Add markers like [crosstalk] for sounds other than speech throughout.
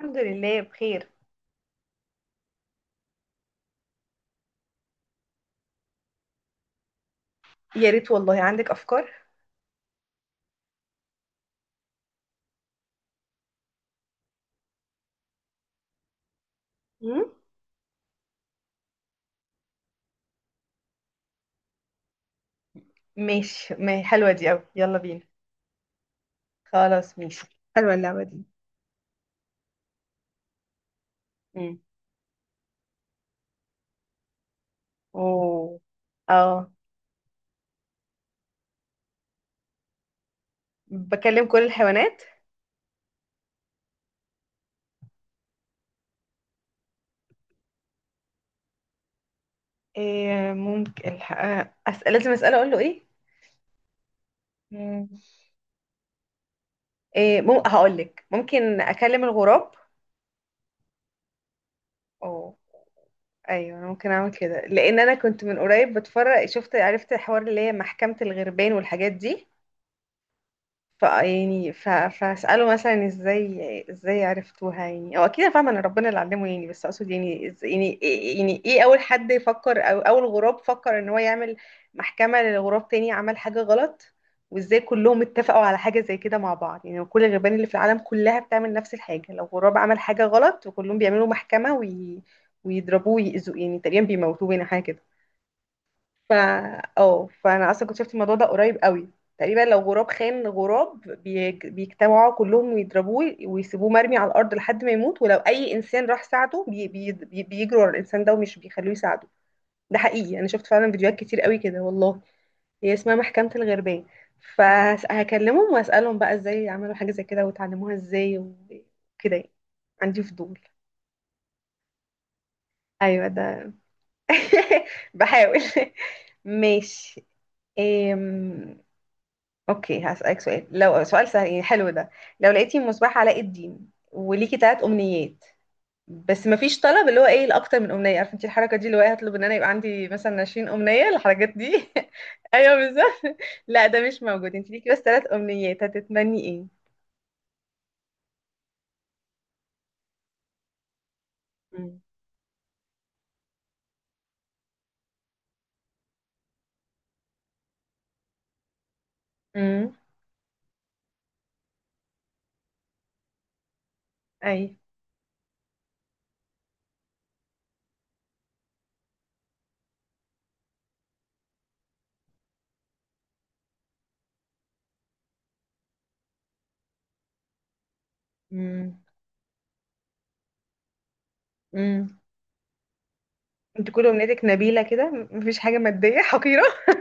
الحمد لله بخير. يا ريت والله، عندك افكار. مم؟ ماشي، ما حلوه دي قوي، يلا بينا. خلاص ماشي. حلوة اللعبة دي. امم اوه، اه، بكلم كل الحيوانات. إيه، ممكن الح... آه، اسال، لازم اساله اقول له ايه؟ مم. إيه، هقول لك ممكن اكلم الغراب او ايوه، انا ممكن اعمل كده لان انا كنت من قريب بتفرج، شفت عرفت الحوار اللي هي محكمة الغربان والحاجات دي. ف يعني فاساله مثلا ازاي ازاي عرفتوها، يعني او اكيد أنا فاهمه ان ربنا اللي علمه يعني، بس اقصد يعني يعني ايه اول حد يفكر او اول غراب فكر ان هو يعمل محكمه لغراب تاني عمل حاجه غلط. وازاي كلهم اتفقوا على حاجه زي كده مع بعض، يعني كل الغربان اللي في العالم كلها بتعمل نفس الحاجه، لو غراب عمل حاجه غلط وكلهم بيعملوا محكمه ويضربوه ويأذوه، يعني تقريبا بيموتوه، يعني حاجه كده. ف اه، فانا اصلا كنت شفت الموضوع ده قريب قوي. تقريبا لو غراب خان غراب بيجتمعوا كلهم ويضربوه ويسيبوه مرمي على الارض لحد ما يموت، ولو اي انسان راح ساعده بيجروا على الانسان ده ومش بيخلوه يساعده. ده حقيقي، انا شفت فعلا فيديوهات كتير قوي كده والله. هي اسمها محكمة الغربان. فهكلمهم واسالهم بقى ازاي عملوا حاجة زي كده وتعلموها ازاي وكده يعني. عندي فضول. ايوه ده. [laughs] بحاول. ماشي. اوكي، هسألك سؤال، لو سؤال سهل يعني، حلو ده. لو لقيتي مصباح علاء الدين وليكي تلات امنيات، بس مفيش طلب اللي هو ايه الاكتر من امنيه، عارفه انت الحركه دي اللي هو إيه، هطلب ان انا يبقى عندي مثلا 20 امنيه، الحركات دي. [laughs] ايوه بالظبط. لا ده مش موجود، انت ليكي بس تلات امنيات، هتتمني ايه؟ مم. امم. اي. مم. مم. امم. انت كل امنيتك نبيله كده، مفيش حاجه ماديه حقيره. [laughs]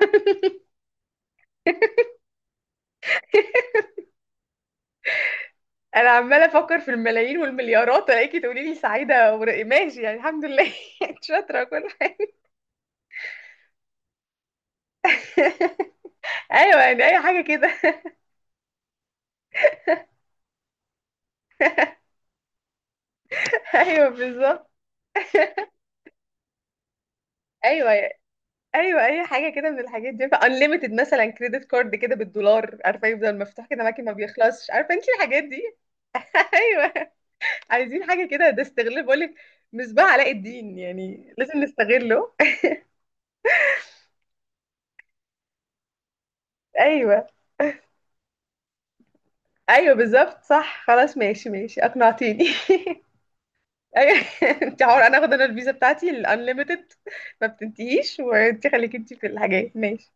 انا عماله افكر في الملايين والمليارات، الاقيكي تقولي لي سعيده ماشي، يعني الحمد لله. [laughs] انت شاطره كل حاجه. [laughs] ايوه يعني، اي حاجه كده. [laughs] ايوه بالظبط. ايوه ايوه، اي حاجه كده من الحاجات دي، انليمتد مثلا، كريدت كارد كده بالدولار، عارفه، يفضل مفتوح كده معاكي ما بيخلصش، عارفه انت الحاجات دي. [laughs] ايوه، عايزين حاجه كده، ده استغلال بقول لك. مصباح علاء الدين يعني لازم نستغله. [laughs] ايوه. ايوه بالظبط صح، خلاص ماشي ماشي، اقنعتيني. [laughs] [laughs] انت عمر انا اخد انا الفيزا بتاعتي الانليمتد، ما بتنتهيش، وانت خليك انت في الحاجات، ماشي.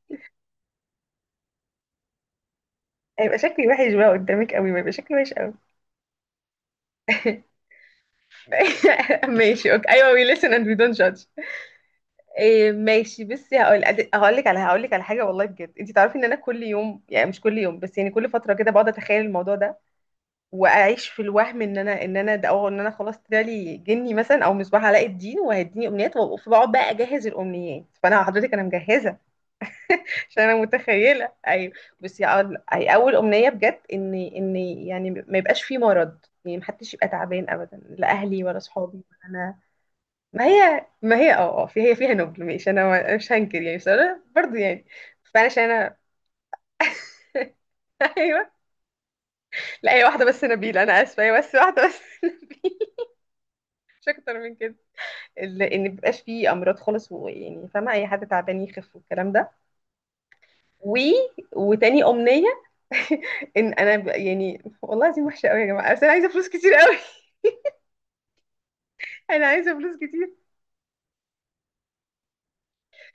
هيبقى شكلي وحش بقى قدامك قوي، ما يبقى شكلي وحش قوي. [laughs] ماشي اوكي ايوه، we listen and we don't judge. إيه، ماشي بس هقول، هقول لك على، هقول لك على حاجه والله بجد، انت تعرفي ان انا كل يوم، يعني مش كل يوم بس، يعني كل فتره كده بقعد اتخيل الموضوع ده، واعيش في الوهم ان انا ده، او ان انا خلاص طلعلي جني مثلا او مصباح علاء الدين، وهيديني امنيات، وبقعد بقى اجهز الامنيات، فانا حضرتك انا مجهزه. [laughs] عشان انا متخيله. ايوه، بس هي اول امنيه بجد، ان ان يعني ما يبقاش في مرض، يعني محدش يبقى تعبان ابدا، لا اهلي ولا صحابي ولا انا. ما هي اه اه، في هي فيها نبل، ماشي، انا مش هنكر يعني، بس انا برضه يعني، فانا عشان انا. [laughs] ايوه، لا هي واحده بس نبيل، انا اسفه هي بس واحده بس. [laughs] مش اكتر من كده. ان مبيبقاش فيه امراض خالص، ويعني فاهمه اي حد تعبان يخف والكلام ده. و... وتاني امنيه، [laughs] ان انا يعني والله دي وحشه قوي يا جماعه، بس انا عايزه فلوس كتير قوي. [laughs] انا عايزه فلوس كتير.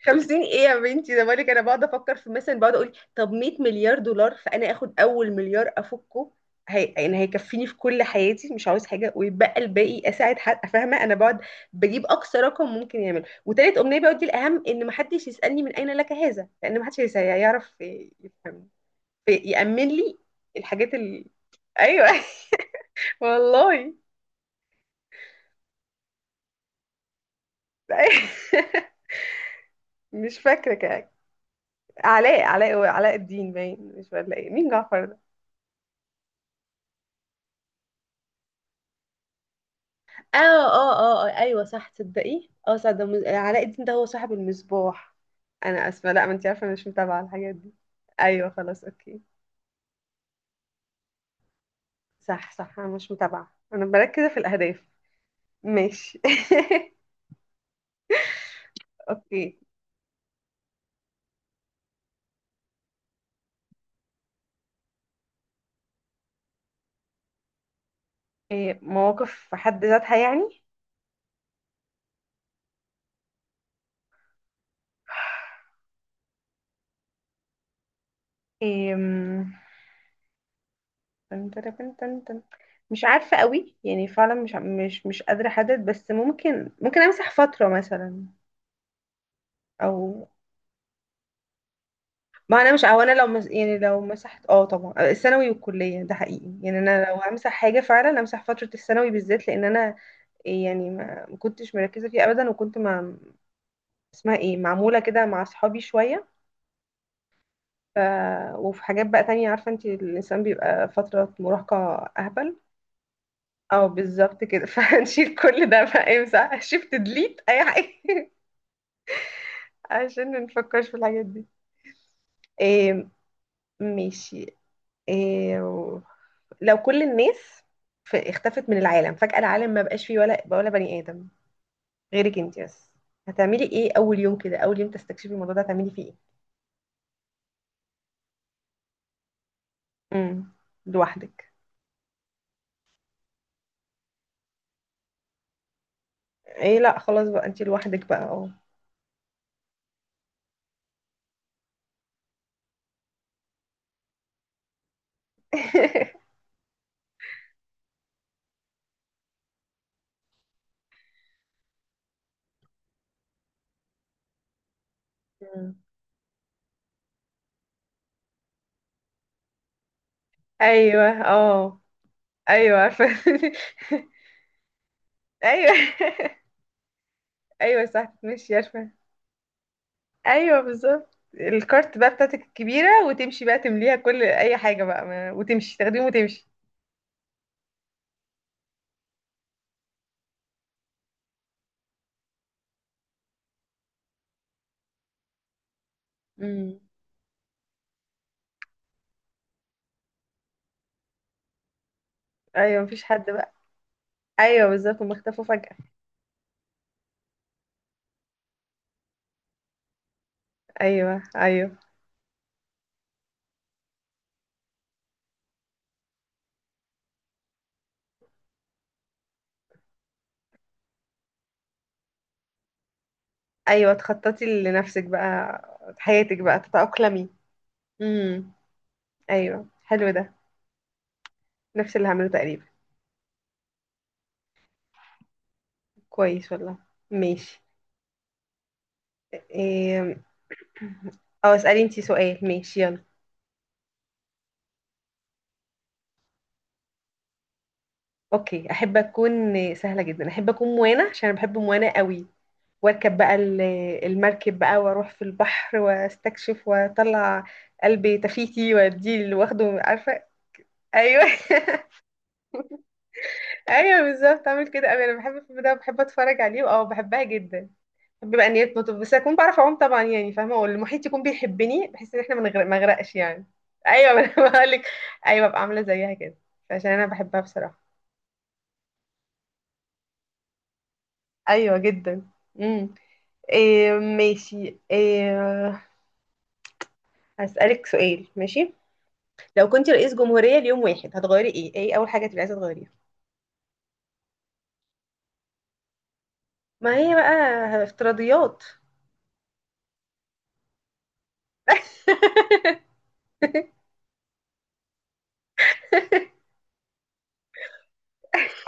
50 ايه يا بنتي، ده بالك انا بقعد افكر في مثلا، بقعد اقول طب 100 مليار دولار، فانا اخد اول مليار افكه، يعني هيكفيني في كل حياتي، مش عاوز حاجه، ويتبقى الباقي اساعد حد، فاهمه، انا بقعد بجيب اقصى رقم ممكن يعمل. وتالت امنيه بقى، ودي الاهم، ان محدش يسالني من اين لك هذا، لان محدش هيعرف يفهم، يامن لي الحاجات ايوه، [laughs] والله. [laughs] مش فاكرة كده. علاء علاء علاء الدين، باين مش ولا ايه، مين جعفر ده؟ اه اه اه آه، ايوه صح، تصدقي اه صح، ده علاء الدين ده هو صاحب المصباح. انا اسفه، لا، ما انت عارفه انا مش متابعه على الحاجات دي. ايوه خلاص اوكي. صح صح، انا مش متابعه، انا مركزه في الاهداف. ماشي. [laughs] اوكي. إيه، مواقف في حد ذاتها يعني؟ إيه، تن تن تن تن تن. مش عارفة قوي يعني، فعلا مش قادرة احدد، بس ممكن ممكن امسح فترة مثلا، او ما انا مش او انا لو مس... يعني لو مسحت اه طبعا، آه، الثانوي والكلية، ده حقيقي يعني، انا لو همسح حاجة فعلا امسح فترة الثانوي بالذات، لان انا يعني ما كنتش مركزة فيها ابدا، وكنت مع اسمها ايه، معمولة كده مع اصحابي شوية. ف... وفي حاجات بقى تانية، عارفة انت الانسان بيبقى فترة مراهقة اهبل، اه بالظبط كده. [laughs] فهنشيل كل ده بقى، امسح شيفت ديليت اي حاجه. [laughs] عشان ما نفكرش في الحاجات دي. إيه ماشي. إيه لو كل الناس اختفت من العالم فجأة، العالم ما بقاش فيه ولا بني آدم غيرك انت بس، هتعملي ايه اول يوم كده، اول يوم تستكشفي الموضوع ده هتعملي فيه ايه؟ امم، لوحدك. ايه لا خلاص بقى، انت لوحدك بقى اه. [laughs] مم. ايوه اه. ايوه عارفه. [laughs] ايوه. [laughs] ايوه صح ماشي عارفه. ايوه بالظبط، الكارت بقى بتاعتك الكبيره، وتمشي بقى تمليها كل اي حاجه بقى، وتمشي تاخديهم وتمشي. امم. ايوه مفيش حد بقى. ايوه بالظبط، هم اختفوا فجاه. ايوه ايوه. ايوه تخططي لنفسك بقى، حياتك بقى تتاقلمي. امم، ايوه حلو ده. نفس اللي هعمله تقريبا. كويس والله. ماشي. إيه... اه اسالي انتي سؤال، ماشي يلا. اوكي، احب اكون سهله جدا، احب اكون موانا، عشان انا بحب موانا قوي، واركب بقى المركب بقى واروح في البحر واستكشف واطلع، قلبي تفيتي واديه اللي واخده عارفه. ايوه [laughs] ايوه بالظبط، اعمل كده أوي. انا بحب الفيلم ده، بحب اتفرج عليه، اه بحبها جدا. بحب بقى نيات مطب، بس اكون بعرف اعوم طبعا يعني، فاهمه، والمحيط يكون بيحبني، بحيث ان احنا ما نغرقش يعني. ايوه، [laughs] ما انا بقول لك. ايوه، ببقى عامله زيها كده، عشان انا بحبها بصراحه. ايوه جدا. امم. إيه ماشي، إيه هسألك سؤال ماشي. لو كنت رئيس جمهورية ليوم واحد، هتغيري ايه، ايه اول حاجة تبقي عايزة تغيريها؟ ما هي بقى افتراضيات. [laughs]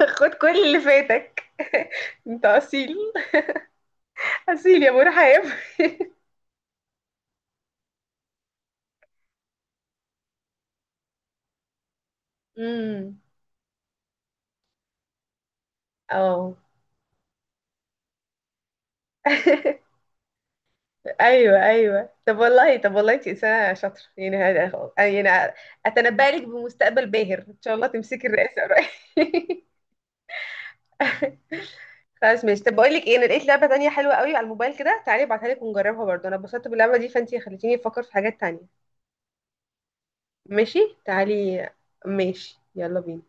خد كل اللي فاتك. [laughs] انت اصيل، اصيل يا مرحب. [laughs] امم، اه. [laughs] ايوه ايوه، طب والله طب والله انت انسانه شاطره يعني، هذا يعني اتنبأ لك بمستقبل باهر ان شاء الله، تمسكي الرئاسه قريب. [laughs] خلاص ماشي، طب بقول لك ايه، انا لقيت لعبه تانية حلوه قوي على الموبايل كده، تعالي ابعتها لك ونجربها برضه، انا اتبسطت باللعبه دي، فانتي خليتيني افكر في حاجات تانية. ماشي تعالي. ماشي يلا بينا.